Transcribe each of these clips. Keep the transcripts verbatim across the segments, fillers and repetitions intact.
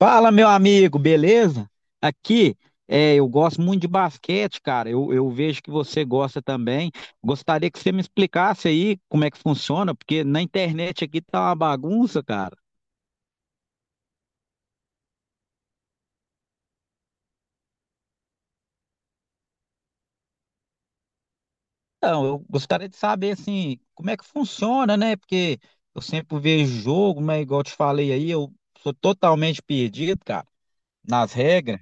Fala, meu amigo, beleza? Aqui, é, eu gosto muito de basquete, cara. Eu, eu vejo que você gosta também. Gostaria que você me explicasse aí como é que funciona, porque na internet aqui tá uma bagunça, cara. Então, eu gostaria de saber, assim, como é que funciona, né? Porque eu sempre vejo jogo, mas igual eu te falei aí, eu sou totalmente perdido, cara, nas regras.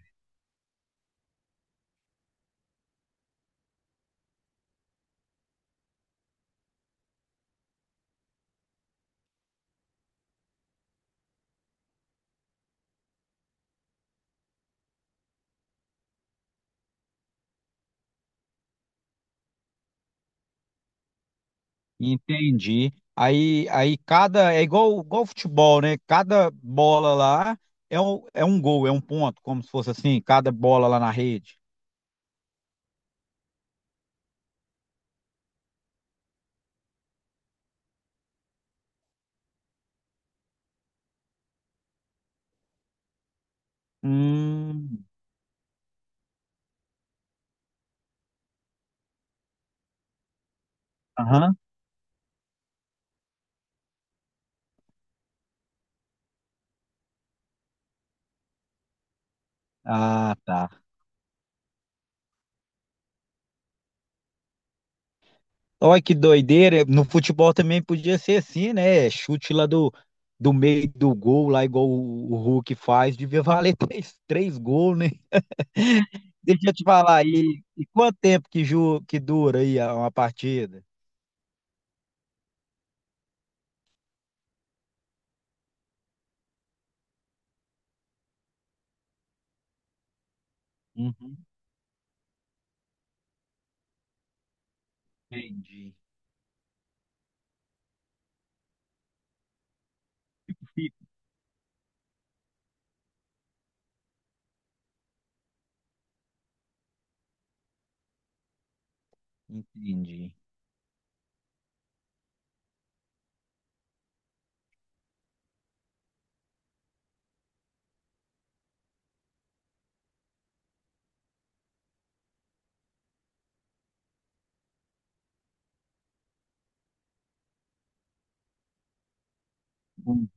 Entendi. Aí, aí cada. É igual, igual futebol, né? Cada bola lá é um, é um gol, é um ponto, como se fosse assim, cada bola lá na rede. Hum. Aham. Ah, tá. Olha que doideira. No futebol também podia ser assim, né? Chute lá do, do meio do gol, lá igual o, o Hulk faz, devia valer três, três gols, né? Deixa eu te falar aí. E quanto tempo que, ju, que dura aí a- uma partida? Uhum. Entendi. Entendi. Hum.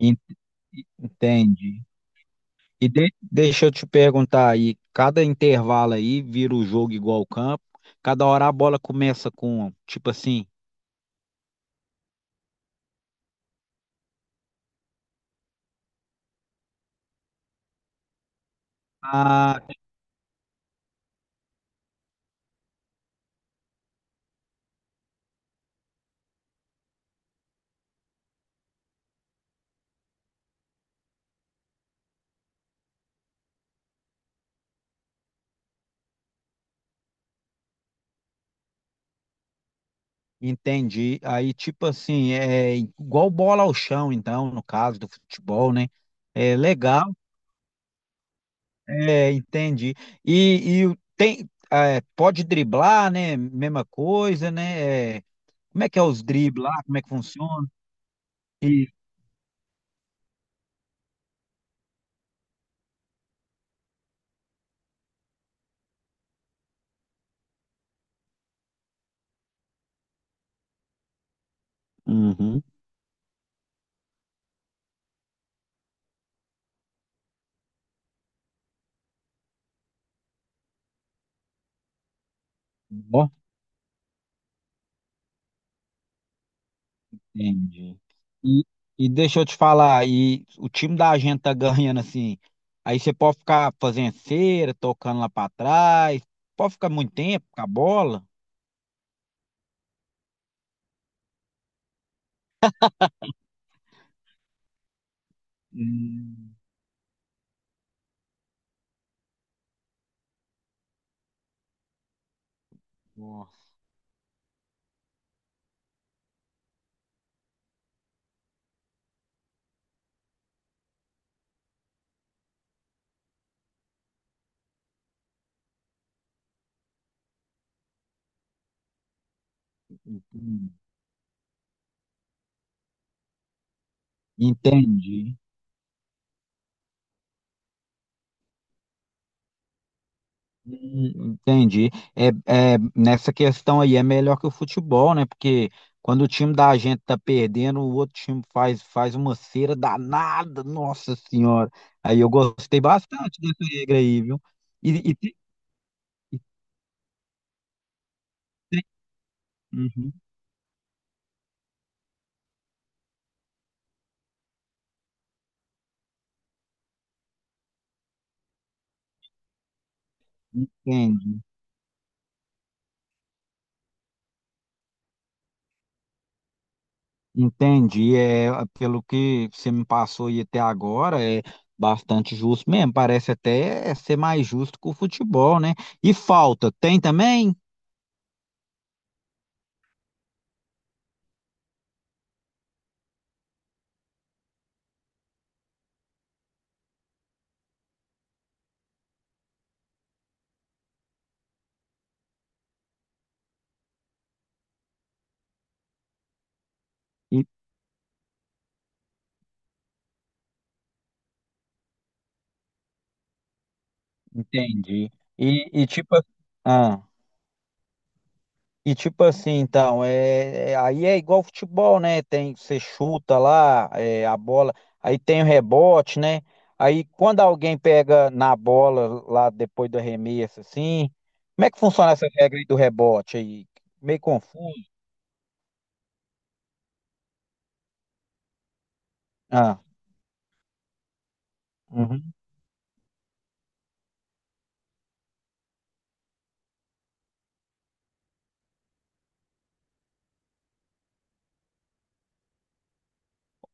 En- Entendi. E de- deixa eu te perguntar aí, cada intervalo aí vira o jogo igual ao campo, cada hora a bola começa com, tipo assim, ah, entendi. Aí, tipo assim, é igual bola ao chão, então, no caso do futebol, né? É legal, é, entendi. E, e tem, é, pode driblar, né? Mesma coisa, né? É, como é que é os dribles lá? Como é que funciona? E... Uhum. Ó. Entendi. E, e deixa eu te falar, e o time da gente tá ganhando assim. Aí você pode ficar fazendo cera, tocando lá pra trás, pode ficar muito tempo com a bola. Hum, nossa, entendi. Entendi. Hum, Entendi. É, é, nessa questão aí é melhor que o futebol, né? Porque quando o time da gente tá perdendo, o outro time faz, faz uma cera danada, nossa senhora. Aí eu gostei bastante dessa regra aí, viu? E, e, Uhum, Entendi, entendi. É, pelo que você me passou e até agora, é bastante justo mesmo. Parece até ser mais justo que o futebol, né? E falta, tem também? E- Entendi. E, e tipo, ah. E tipo assim, então, é, é- aí é igual futebol, né? Tem, você chuta lá, é, a bola, aí tem o rebote, né? Aí quando alguém pega na bola lá depois do arremesso, assim, como é que funciona essa regra aí do rebote aí? Meio confuso. Ah, uhum.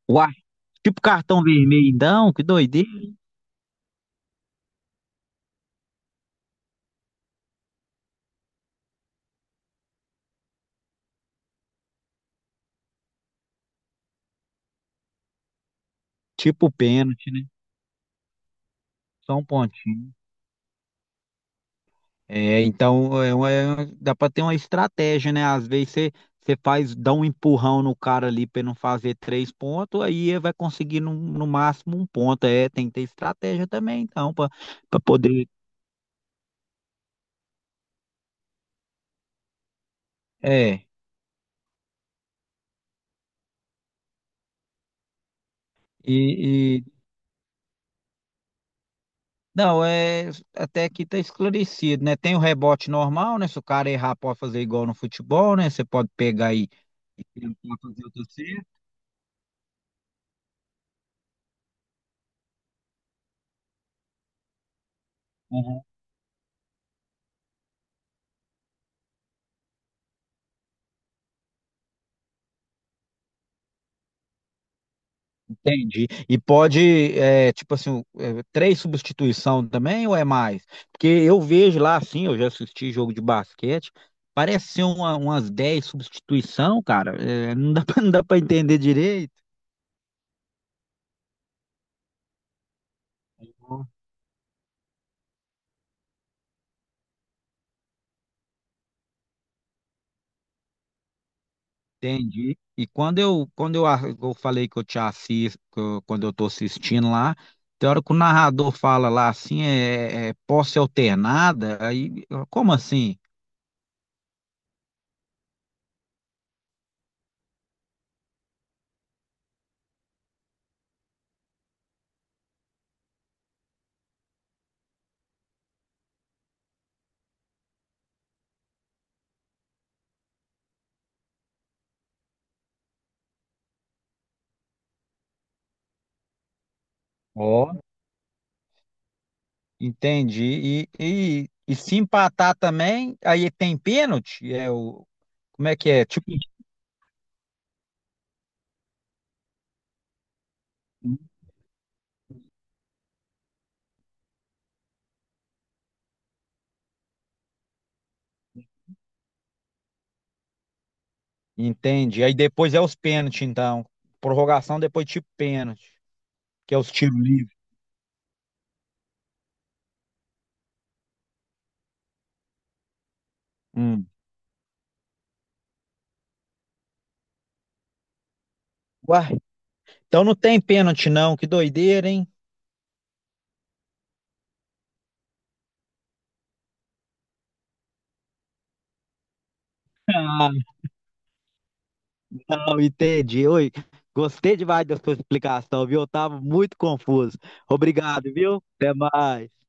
Uai, tipo cartão vermelho, então, que doideira. Tipo pênalti, né? Só um pontinho. É, então é, uma- é, uma- dá para ter uma estratégia, né? Às vezes você você faz, dá um empurrão no cara ali para não fazer três pontos, aí ele vai conseguir no, no máximo um ponto. É, tem que ter estratégia também, então, para poder. É, e, e- não, é até aqui tá esclarecido, né? Tem o rebote normal, né? Se o cara errar, pode fazer igual no futebol, né? Você pode pegar e tentar fazer outra certa. Entendi. E pode, é, tipo assim, o- é, três substituição também ou é mais? Porque eu vejo lá, assim, eu já assisti jogo de basquete, parece ser uma- umas dez substituição, cara. É, não dá pra, não dá pra entender direito. Entendi. E quando eu, quando eu, a- eu falei que eu te assisto, que eu- quando eu tô assistindo lá, tem hora que o narrador fala lá assim, é, é posse alternada, aí, como assim? Entendi. E, e, e se empatar também, aí tem pênalti? É o, como é que é? Tipo, entendi. Aí depois é os pênaltis, então. Prorrogação, depois tipo pênalti, que é os tiros livres. Hum. Uai, então não tem pênalti não, que doideira, hein? Ah, não, entendi. Oi, gostei demais da sua explicação, viu? Eu tava muito confuso. Obrigado, viu? Até mais.